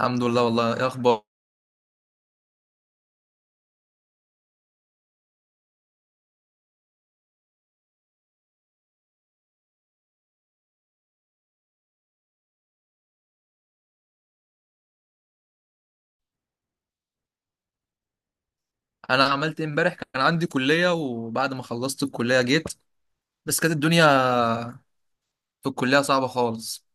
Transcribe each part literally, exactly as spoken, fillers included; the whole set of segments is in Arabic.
الحمد لله. والله ايه اخبار؟ انا عملت إيه امبارح؟ كان عندي كليه، وبعد ما خلصت الكليه جيت، بس كانت الدنيا في الكليه صعبه خالص.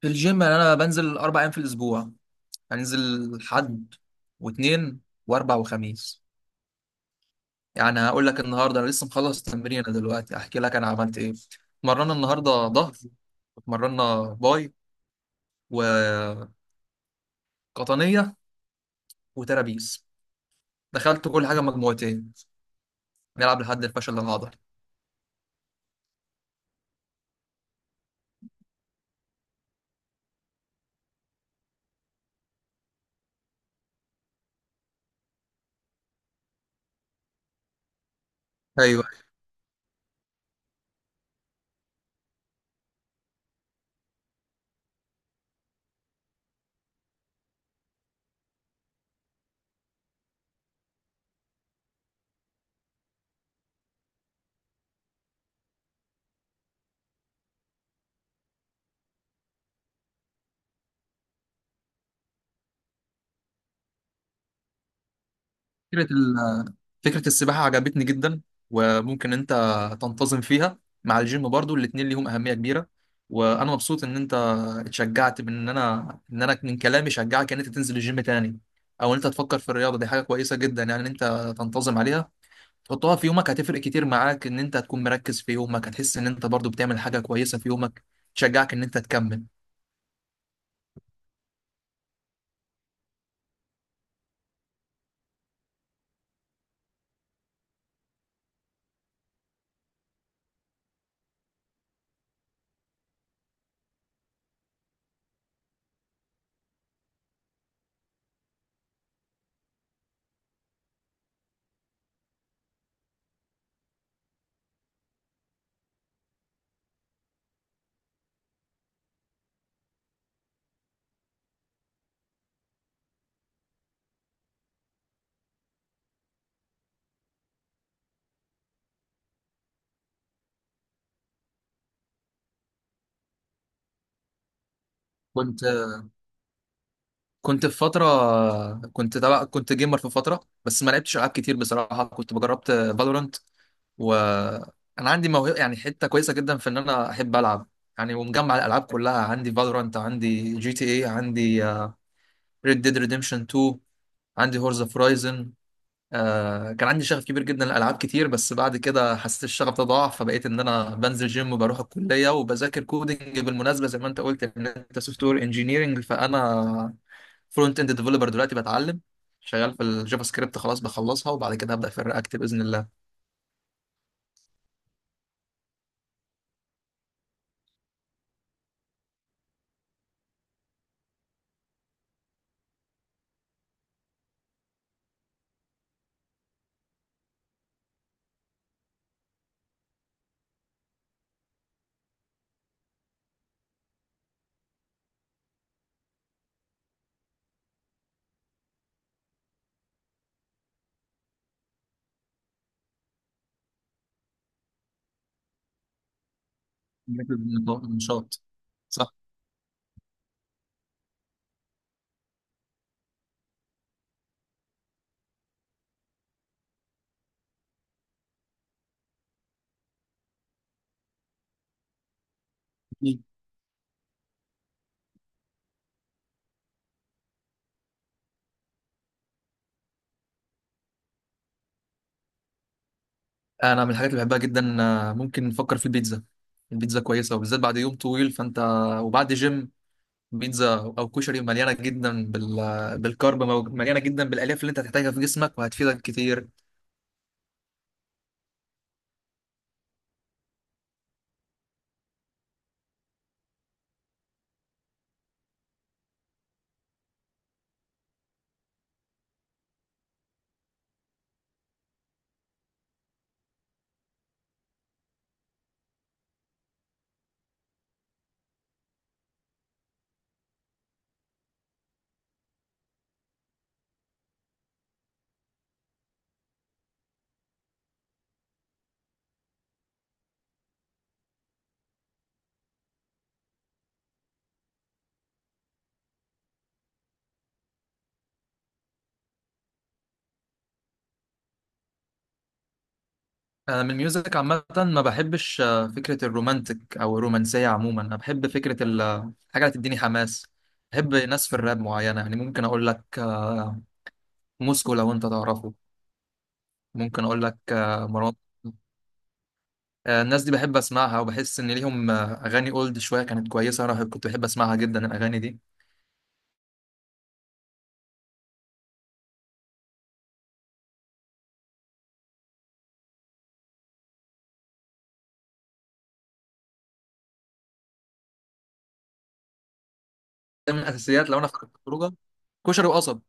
في الجيم يعني انا بنزل اربع ايام في الاسبوع، هنزل حد واثنين واربع وخميس. يعني هقول لك النهارده انا لسه مخلص تمرين دلوقتي، احكي لك انا عملت ايه. اتمرنا النهارده ظهر، اتمرنا باي وقطنيه وترابيس، دخلت كل حاجه مجموعتين، نلعب لحد الفشل العضلي. ايوه. فكره، فكرة السباحة عجبتني جدا، وممكن انت تنتظم فيها مع الجيم برضو، الاتنين ليهم أهمية كبيرة. وانا مبسوط ان انت اتشجعت من ان انا ان انا من كلامي، شجعك ان انت تنزل الجيم تاني او ان انت تفكر في الرياضة، دي حاجة كويسة جدا يعني ان انت تنتظم عليها، تحطها في يومك هتفرق كتير معاك، ان انت هتكون مركز في يومك، هتحس ان انت برضو بتعمل حاجة كويسة في يومك تشجعك ان انت تكمل. كنت كنت في فترة، كنت تبع كنت جيمر في فترة، بس ما لعبتش ألعاب كتير بصراحة. كنت جربت فالورانت، وانا عندي موهبه يعني حته كويسه جدا في ان انا احب العب يعني. ومجمع الالعاب كلها عندي، فالورانت عندي، جي تي اي عندي، ريد ديد ريديمشن تو عندي، هورز اوف رايزن. آه كان عندي شغف كبير جدا لالعاب كتير، بس بعد كده حسيت الشغف ده ضاع، فبقيت ان انا بنزل جيم وبروح الكليه وبذاكر كودنج. بالمناسبه، زي ما انت قلت ان انت سوفت وير انجينيرنج، فانا فرونت اند ديفلوبر دلوقتي بتعلم، شغال في الجافا سكريبت، خلاص بخلصها وبعد كده هبدا في الرياكت باذن الله. نشاط، صح. انا من الحاجات اللي بحبها جدا، آه، ممكن نفكر في البيتزا. البيتزا كويسه، وبالذات بعد يوم طويل فانت، وبعد جيم، بيتزا او كشري مليانه جدا بال... بالكارب، مليانه جدا بالالياف اللي انت هتحتاجها في جسمك وهتفيدك كتير. انا من الميوزك عامه ما بحبش آه، فكره الرومانتك او الرومانسيه عموما، انا بحب فكره ال- الحاجه اللي تديني حماس. بحب ناس في الراب معينه، يعني ممكن اقول لك آه، موسكو لو انت تعرفه، ممكن اقول لك آه، مروان. آه، الناس دي بحب اسمعها، وبحس ان ليهم آه، اغاني اولد شويه كانت كويسه، انا كنت بحب اسمعها جدا الاغاني دي. ده من الاساسيات لو انا فكرت في خروجه، كشري وقصب.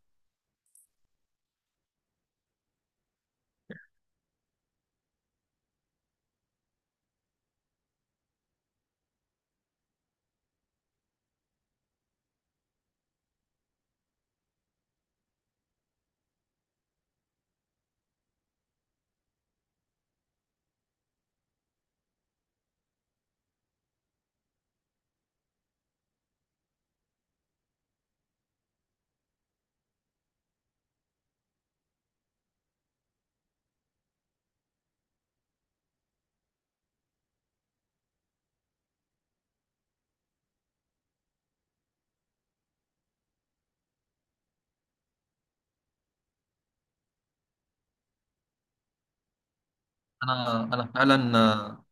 انا انا فعلا، آه،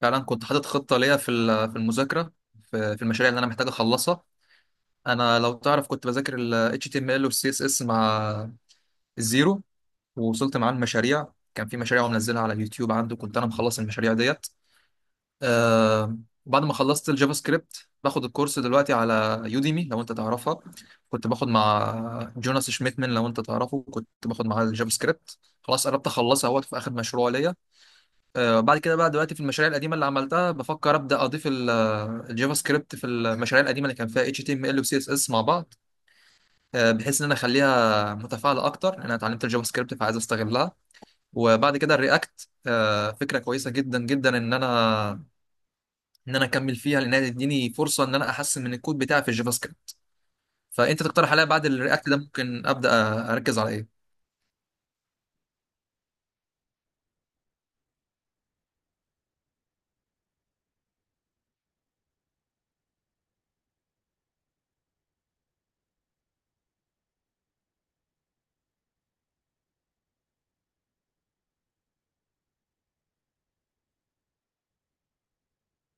فعلا كنت حاطط خطه ليا في ال- في المذاكره، في في المشاريع اللي انا محتاج اخلصها. انا لو تعرف كنت بذاكر ال H T M L وال C S S مع الزيرو، ووصلت معاه المشاريع، كان في مشاريع ومنزلها على اليوتيوب عنده، كنت انا مخلص المشاريع ديت. آه، وبعد ما خلصت الجافا سكريبت باخد الكورس دلوقتي على يوديمي لو انت تعرفها، كنت باخد مع جوناس شميتمن لو انت تعرفه، كنت باخد معاه الجافا سكريبت، خلاص قربت اخلصها اهوت في اخر مشروع ليا. آه بعد كده بقى دلوقتي في المشاريع القديمه اللي عملتها بفكر ابدا اضيف ال- آه، الجافا سكريبت في المشاريع القديمه اللي كان فيها اتش تي ام ال وسي اس اس مع بعض. آه بحيث ان انا اخليها متفاعله اكتر، لان انا اتعلمت الجافا سكريبت فعايز استغلها. وبعد كده الرياكت آه فكره كويسه جدا جدا، ان انا ان انا اكمل فيها، لانها تديني فرصه ان انا احسن من الكود بتاعي في الجافا سكريبت. فانت تقترح عليا بعد الرياكت ده ممكن ابدا اركز على ايه؟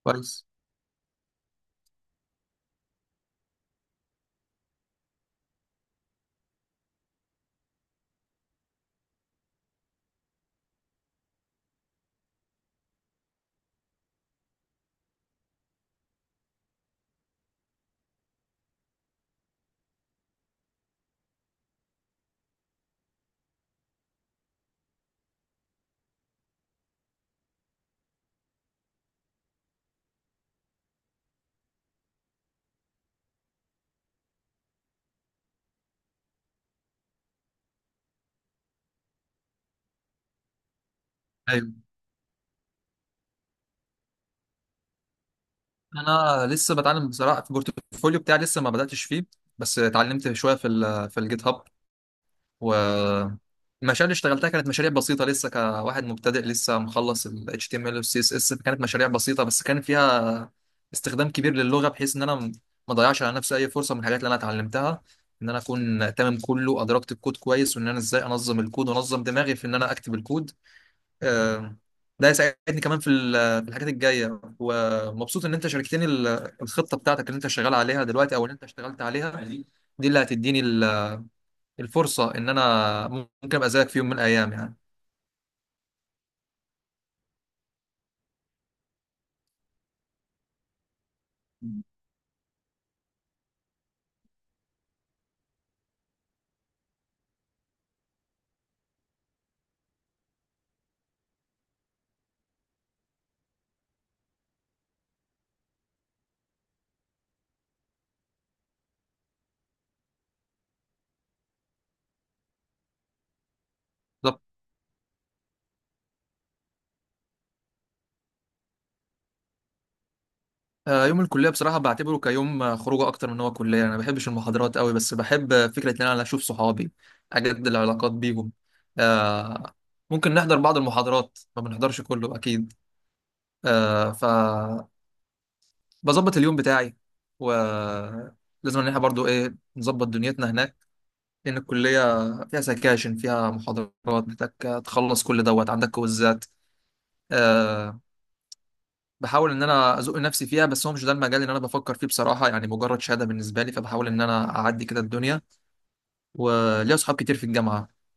كويس. ايوه، انا لسه بتعلم بصراحه، في البورتفوليو بتاعي لسه ما بداتش فيه، بس اتعلمت شويه في ال في الجيت هاب. والمشاريع اللي اشتغلتها كانت مشاريع بسيطة، لسه كواحد مبتدئ لسه مخلص ال H T M L وال سي اس اس، فكانت مشاريع بسيطة بس كان فيها استخدام كبير للغة، بحيث ان انا م- ما اضيعش على نفسي اي فرصة من الحاجات اللي انا اتعلمتها، ان انا اكون تمام كله، ادركت الكود كويس، وان انا ازاي انظم الكود وانظم دماغي في ان انا اكتب الكود. آه، ده هيساعدني كمان في ال- في الحاجات الجاية. ومبسوط ان انت شاركتني ال- الخطة بتاعتك اللي انت شغال عليها دلوقتي او اللي انت اشتغلت عليها، دي اللي هتديني الفرصة إن أنا ممكن أبقى زيك في يوم من الأيام يعني. بالظبط. آه، يوم الكلية بصراحة بعتبره كيوم آه، خروجه أكتر من هو كلية، أنا ما بحبش المحاضرات قوي بس بحب آه، فكرة إن أنا أشوف صحابي، أجدد العلاقات بيهم. آه، ممكن نحضر بعض المحاضرات، ما بنحضرش كله أكيد. آه، فبظبط اليوم بتاعي ولازم إن إحنا برضو إيه نظبط دنيتنا هناك، لأن الكلية فيها سكاشن فيها محاضرات، محتاج تخلص كل دوت، عندك كويزات. آه، بحاول ان انا ازق نفسي فيها، بس هو مش ده المجال اللي انا بفكر فيه بصراحه، يعني مجرد شهاده بالنسبه لي، فبحاول ان انا اعدي كده الدنيا، وليا اصحاب كتير في الجامعه.